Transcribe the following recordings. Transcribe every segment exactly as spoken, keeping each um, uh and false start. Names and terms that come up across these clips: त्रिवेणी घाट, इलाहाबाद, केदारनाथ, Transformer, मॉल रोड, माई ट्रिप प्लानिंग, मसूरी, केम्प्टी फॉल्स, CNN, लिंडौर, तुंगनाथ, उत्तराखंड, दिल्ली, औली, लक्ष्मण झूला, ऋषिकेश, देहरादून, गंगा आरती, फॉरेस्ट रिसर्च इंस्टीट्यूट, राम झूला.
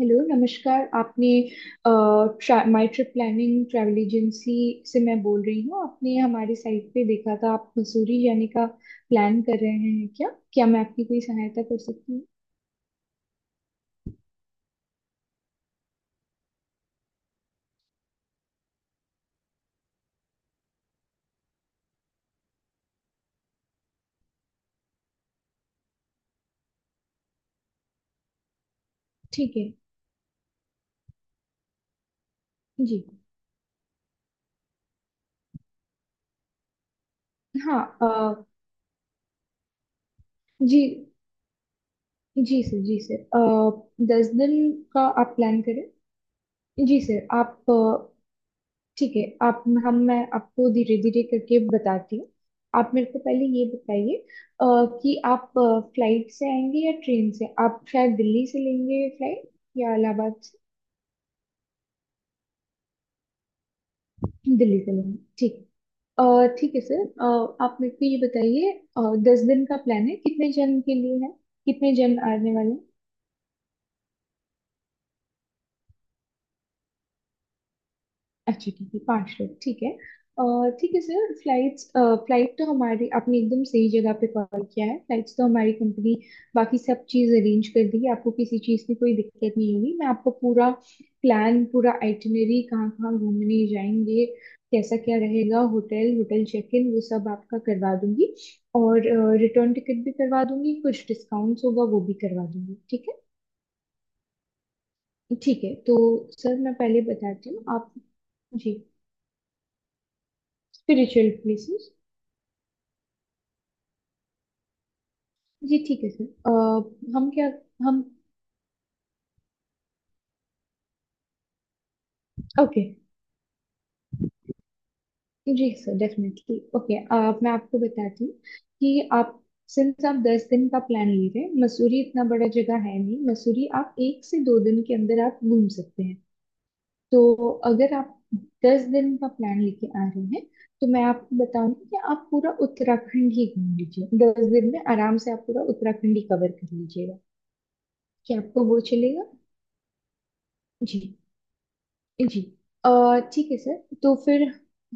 Hello नमस्कार। आपने आ, माई ट्रिप प्लानिंग travel agency से मैं बोल रही हूँ। आपने हमारे साइट पे देखा था आप मसूरी जाने का प्लान कर रहे हैं क्या? क्या मैं आपकी कोई सहायता कर सकती हूँ? ठीक है। जी हाँ। अ, जी। जी सर। जी सर। अ, दस दिन का आप प्लान करें। जी सर आप अ, ठीक है। आप हम मैं आपको धीरे धीरे करके बताती हूँ। आप मेरे को पहले ये बताइए अ, कि आप फ्लाइट से आएंगे या ट्रेन से? आप शायद दिल्ली से लेंगे फ्लाइट या इलाहाबाद से? दिल्ली से लेंगे ठीक है। अ, ठीक है सर। अ, आप मेरे को ये बताइए अ, दस दिन का प्लान है, कितने जन के लिए है? कितने जन आने वाले हैं? अच्छा ठीक है, पांच लोग ठीक है। अह, ठीक है सर। फ्लाइट्स, फ्लाइट तो हमारी, आपने एकदम सही जगह पे कॉल किया है। फ्लाइट्स तो हमारी कंपनी बाकी सब चीज़ अरेंज कर देगी, आपको किसी चीज़ की कोई दिक्कत नहीं होगी। मैं आपको पूरा प्लान, पूरा आइटिनरी, कहाँ कहाँ घूमने जाएंगे, कैसा क्या रहेगा, होटल, होटल चेक इन, वो सब आपका करवा दूंगी। और रिटर्न टिकट भी करवा दूंगी, कुछ डिस्काउंट्स होगा वो भी करवा दूंगी। ठीक है? ठीक है तो सर मैं पहले बताती हूँ आप। जी। Spiritual places. जी ठीक है सर। अ, हम क्या हम। ओके। जी सर डेफिनेटली। ओके अ, मैं आपको बताती हूँ कि आप, सिंस आप दस दिन का प्लान ले रहे हैं, मसूरी इतना बड़ा जगह है नहीं। मसूरी आप एक से दो दिन के अंदर आप घूम सकते हैं। तो अगर आप दस दिन का प्लान लेके आ रहे हैं तो मैं आपको बताऊंगी कि आप पूरा उत्तराखंड ही घूम लीजिए। दस दिन में आराम से आप पूरा उत्तराखंड ही कवर कर लीजिएगा। क्या आपको वो चलेगा? जी। जी अ, ठीक है सर। तो फिर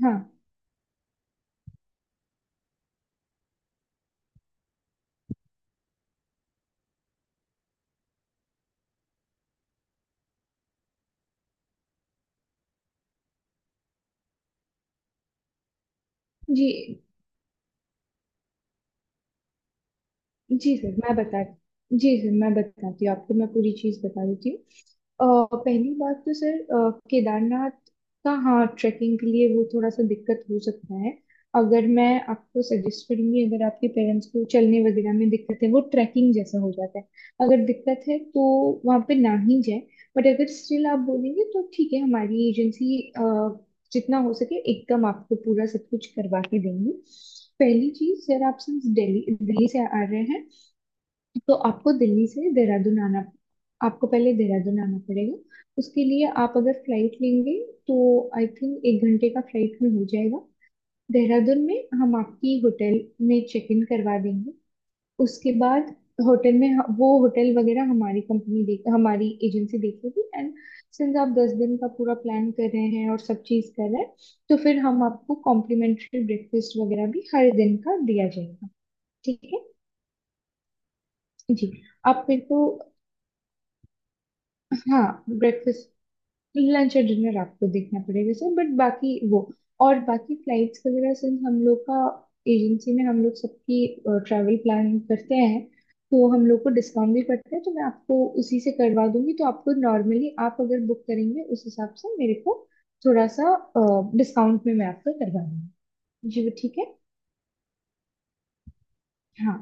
हाँ जी। जी सर मैं बता... जी सर मैं बताती हूँ आपको, मैं पूरी चीज़ बता देती हूँ। अ, पहली बात तो सर अ, केदारनाथ का, हाँ, ट्रैकिंग के लिए वो थोड़ा सा दिक्कत हो सकता है। अगर मैं आपको सजेस्ट करूंगी, अगर आपके पेरेंट्स को चलने वगैरह में दिक्कत है, वो ट्रैकिंग जैसा हो जाता है। अगर दिक्कत है तो वहाँ पे ना ही जाए। बट अगर स्टिल आप बोलेंगे तो ठीक है, हमारी एजेंसी जितना हो सके एकदम आपको पूरा सब कुछ करवा के देंगी। पहली चीज सर, आप सिंस दिल्ली, दिल्ली से आ रहे हैं, तो आपको दिल्ली से देहरादून आना, आपको पहले देहरादून आना पड़ेगा। उसके लिए आप अगर फ्लाइट लेंगे तो आई थिंक एक घंटे का फ्लाइट में हो जाएगा। देहरादून में हम आपकी होटल में चेक इन करवा देंगे। उसके बाद होटल में ह- वो होटल वगैरह हमारी कंपनी देख, हमारी एजेंसी देखेगी। एंड सिंस आप दस दिन का पूरा प्लान कर रहे हैं और सब चीज़ कर रहे हैं, तो फिर हम आपको कॉम्प्लीमेंट्री ब्रेकफास्ट वगैरह भी हर दिन का दिया जाएगा। ठीक है? जी। आप मेरे को... हाँ, ब्रेकफास्ट, लंच और डिनर आपको देखना पड़ेगा सर। बट बाकी वो, और बाकी फ्लाइट्स वगैरह, सिंस हम लोग का, एजेंसी में हम लोग सबकी ट्रैवल प्लान करते हैं, तो हम लोग को डिस्काउंट भी करते हैं, तो मैं आपको उसी से करवा दूंगी। तो आपको नॉर्मली आप अगर बुक करेंगे उस हिसाब से मेरे को थोड़ा सा डिस्काउंट में मैं आपको करवा दूंगी। जी वो ठीक है। हाँ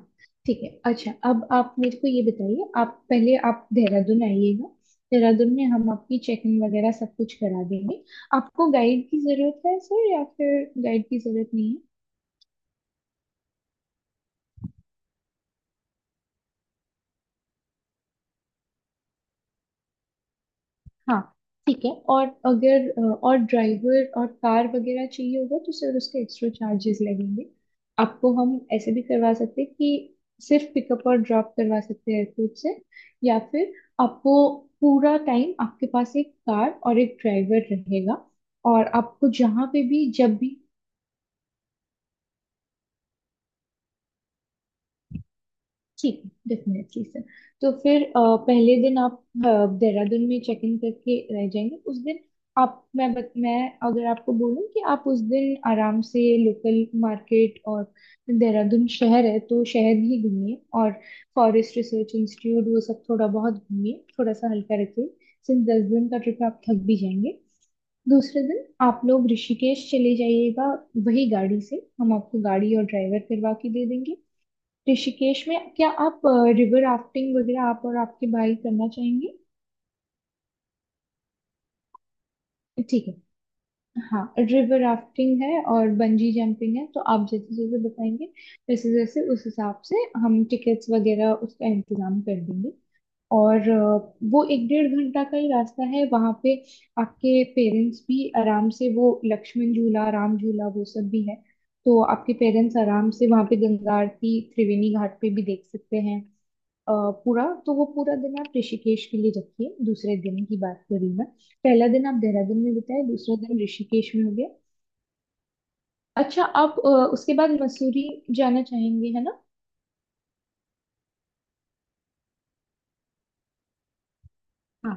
ठीक है। अच्छा अब आप मेरे को ये बताइए, आप पहले आप देहरादून आइएगा, देहरादून में हम आपकी चेकिंग वगैरह सब कुछ करा देंगे। आपको गाइड की जरूरत है सर या फिर गाइड की जरूरत नहीं? हाँ ठीक है। और अगर अ, और ड्राइवर और कार वगैरह चाहिए होगा तो सर उसके एक्स्ट्रा चार्जेस लगेंगे। आपको हम ऐसे भी करवा सकते हैं कि सिर्फ पिकअप और ड्रॉप करवा सकते हैं एयरपोर्ट से। या फिर आपको पूरा टाइम आपके पास एक कार और एक ड्राइवर रहेगा और आपको जहाँ पे भी, जब भी... ठीक है, डेफिनेटली सर। तो फिर अ, पहले दिन आप अ, देहरादून में चेक इन करके रह जाएंगे। उस दिन आप, मैं बत, मैं अगर आपको बोलूं कि आप उस दिन आराम से लोकल मार्केट, और देहरादून शहर है तो शहर ही घूमिए, और फॉरेस्ट रिसर्च इंस्टीट्यूट वो सब थोड़ा बहुत घूमिए, थोड़ा सा हल्का रखिए। सिंस दस दिन का ट्रिप आप थक भी जाएंगे। दूसरे दिन आप लोग ऋषिकेश चले जाइएगा, वही गाड़ी से। हम आपको गाड़ी और ड्राइवर करवा के दे देंगे। ऋषिकेश में क्या आप रिवर राफ्टिंग वगैरह आप और आपके भाई करना चाहेंगे? ठीक है। हाँ, रिवर राफ्टिंग है और बंजी जंपिंग है, तो आप जैसे जैसे बताएंगे वैसे जैसे उस हिसाब से हम टिकट्स वगैरह उसका इंतजाम कर देंगे। और अ, वो एक डेढ़ घंटा का ही रास्ता है वहाँ पे। आपके पेरेंट्स भी आराम से वो लक्ष्मण झूला, राम झूला, वो सब भी है। तो आपके पेरेंट्स आराम से वहाँ पे गंगा आरती, त्रिवेणी घाट पे भी देख सकते हैं। अ, पूरा तो वो पूरा दिन आप ऋषिकेश के लिए रखिए, दूसरे दिन की बात कर रही हूँ मैं। पहला दिन आप देहरादून में बिताए, दूसरा दिन ऋषिकेश में हो गया। अच्छा आप अ, उसके बाद मसूरी जाना चाहेंगे, है ना?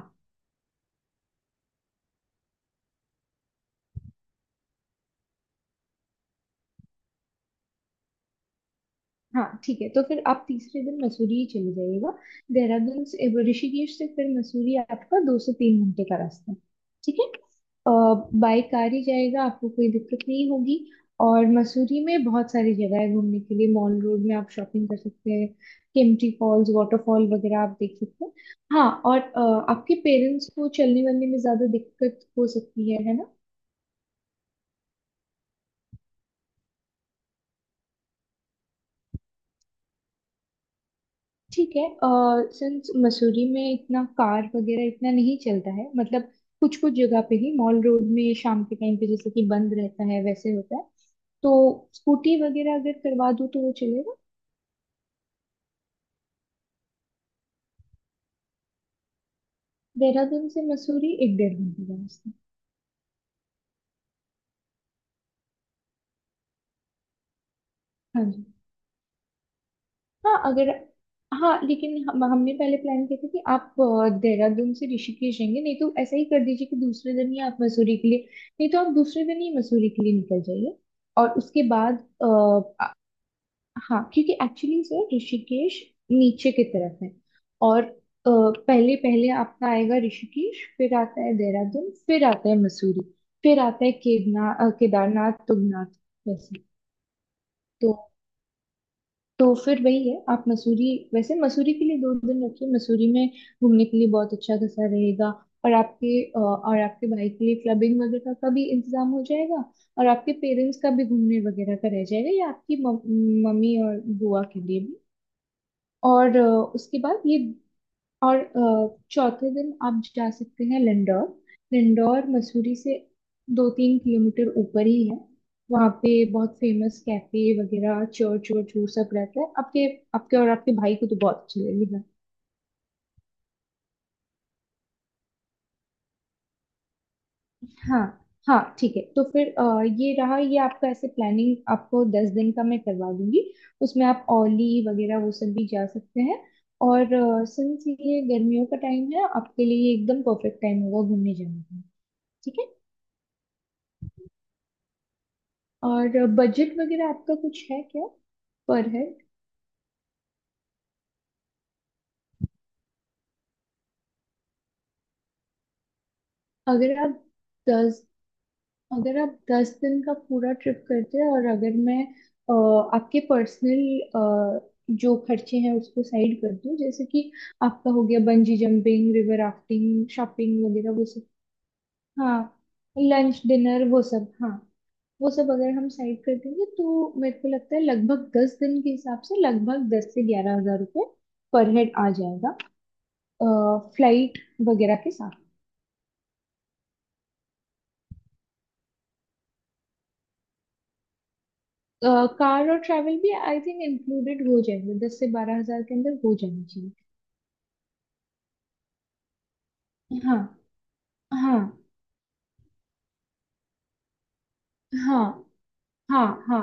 हाँ ठीक है, तो फिर आप तीसरे दिन मसूरी ही चले जाइएगा। देहरादून से, वो, ऋषिकेश से फिर मसूरी आपका दो से तीन घंटे का रास्ता है। ठीक है। बाय कार ही जाएगा, आपको कोई दिक्कत नहीं होगी। और मसूरी में बहुत सारी जगह है घूमने के लिए। मॉल रोड में आप शॉपिंग कर सकते हैं, केम्प्टी फॉल्स वाटरफॉल वगैरह आप देख सकते हैं। हाँ और अ, आपके पेरेंट्स को चलने वलने में ज्यादा दिक्कत हो सकती है है ना? ठीक है। सिंस मसूरी में इतना कार वगैरह इतना नहीं चलता है, मतलब कुछ कुछ जगह पे ही मॉल रोड में शाम के टाइम पे जैसे कि बंद रहता है, वैसे होता है। तो स्कूटी वगैरह अगर करवा दूँ तो वो चलेगा। देहरादून से मसूरी एक डेढ़ घंटे का रास्ता। हाँ जी। हाँ अगर... हाँ लेकिन हम हमने पहले प्लान किया था कि आप अ, देहरादून से ऋषिकेश जाएंगे, नहीं तो ऐसा ही कर दीजिए कि दूसरे दिन ही आप मसूरी के लिए, नहीं तो आप दूसरे दिन ही मसूरी के लिए निकल जाइए। और उसके बाद हाँ, क्योंकि एक्चुअली से ऋषिकेश नीचे की तरफ है। और अ, पहले पहले आपका आएगा ऋषिकेश, फिर आता है देहरादून, फिर आता है मसूरी, फिर आता है केदारना अ, केदारनाथ, तुंगनाथ वैसे। तो तो फिर वही है, आप मसूरी, वैसे मसूरी के लिए दो दिन रखिए। मसूरी में घूमने के लिए बहुत अच्छा खासा रहेगा। और आपके अ, और आपके भाई के लिए क्लबिंग वगैरह का भी इंतजाम हो जाएगा, और आपके पेरेंट्स का भी घूमने वगैरह का रह जाएगा, या आपकी मम- मम्मी और बुआ के लिए भी। और अ, उसके बाद ये, और अ, चौथे दिन आप जा सकते हैं लिंडौर। लिंडौर मसूरी से दो तीन किलोमीटर ऊपर ही है। वहाँ पे बहुत फेमस कैफे वगैरह, चर्च वर्च, वो सब रहता है। आपके, आपके और आपके भाई को तो बहुत अच्छा लगेगा। हाँ। हाँ ठीक है, तो फिर अ, ये रहा ये आपका ऐसे, प्लानिंग आपको दस दिन का मैं करवा दूंगी। उसमें आप औली वगैरह वो सब भी जा सकते हैं। और सिंस ये गर्मियों का टाइम है, आपके लिए ये एकदम परफेक्ट टाइम होगा घूमने जाने का। ठीक है? और बजट वगैरह आपका कुछ है क्या पर हेड? अगर आप दस, अगर आप दस दिन का पूरा ट्रिप करते हैं और अगर मैं अ, आपके पर्सनल जो खर्चे हैं उसको साइड कर दूं, जैसे कि आपका हो गया bungee jumping, river rafting, shopping वगैरह वो सब। हाँ, लंच डिनर वो सब, हाँ वो सब अगर हम साइड कर देंगे तो मेरे को लगता है लगभग दस दिन के हिसाब से लगभग दस से ग्यारह हजार रुपये पर हेड आ जाएगा, फ्लाइट वगैरह के साथ। कार और ट्रैवल भी आई थिंक इंक्लूडेड हो जाएंगे, दस से बारह हजार के अंदर हो जानी चाहिए। हाँ हाँ हाँ हाँ। हाँ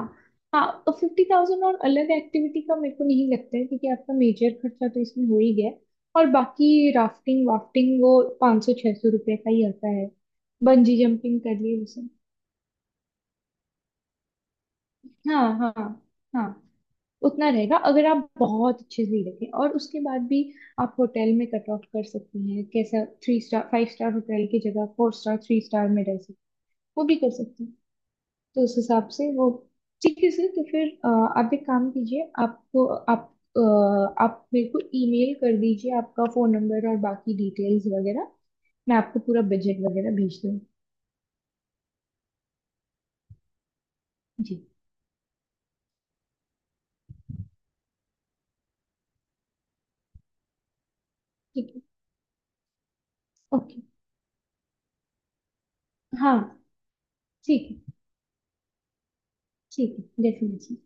हाँ और फिफ्टी थाउजेंड और अलग एक्टिविटी का मेरे को नहीं लगता है, क्योंकि आपका मेजर खर्चा तो इसमें हो ही गया है। और बाकी राफ्टिंग वाफ्टिंग वो पाँच सौ छह सौ रुपये का ही आता है। बंजी जंपिंग कर लिए उसे, हाँ हाँ हाँ उतना रहेगा। अगर आप बहुत अच्छे से देखें और उसके बाद भी आप होटल में कट ऑफ कर सकती हैं, कैसा three star, five star hotel की जगह फोर स्टार, थ्री स्टार में रह सकते, वो भी कर सकते हैं। तो उस हिसाब से वो ठीक है सर। तो फिर अ, आप एक काम कीजिए, आपको, आप अ, आप मेरे को ईमेल कर दीजिए आपका फोन नंबर और बाकी डिटेल्स वगैरह, मैं आपको पूरा बजट वगैरह भेज दूंगी। जी ठीक है। ओके। हाँ ठीक है। ठीक है डेफिनेटली।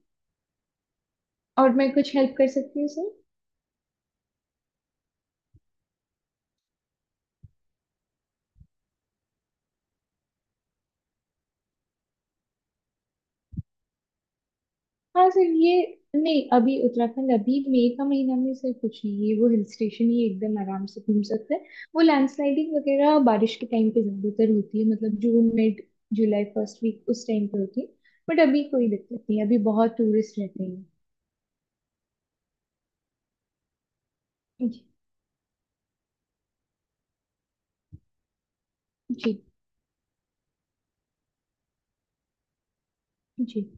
और मैं कुछ हेल्प कर सकती हूँ सर? हाँ सर, ये नहीं, अभी उत्तराखंड, अभी मई का महीना में सर कुछ नहीं है, वो हिल स्टेशन ही एकदम आराम से घूम सकते हैं। वो लैंडस्लाइडिंग वगैरह बारिश के टाइम पे ज्यादातर होती है, मतलब जून मिड, जुलाई फर्स्ट वीक उस टाइम पे होती है। बट अभी कोई दिक्कत नहीं, अभी बहुत टूरिस्ट रहते हैं। जी। जी। जी।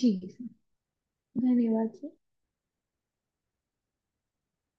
जी सर। धन्यवाद सर।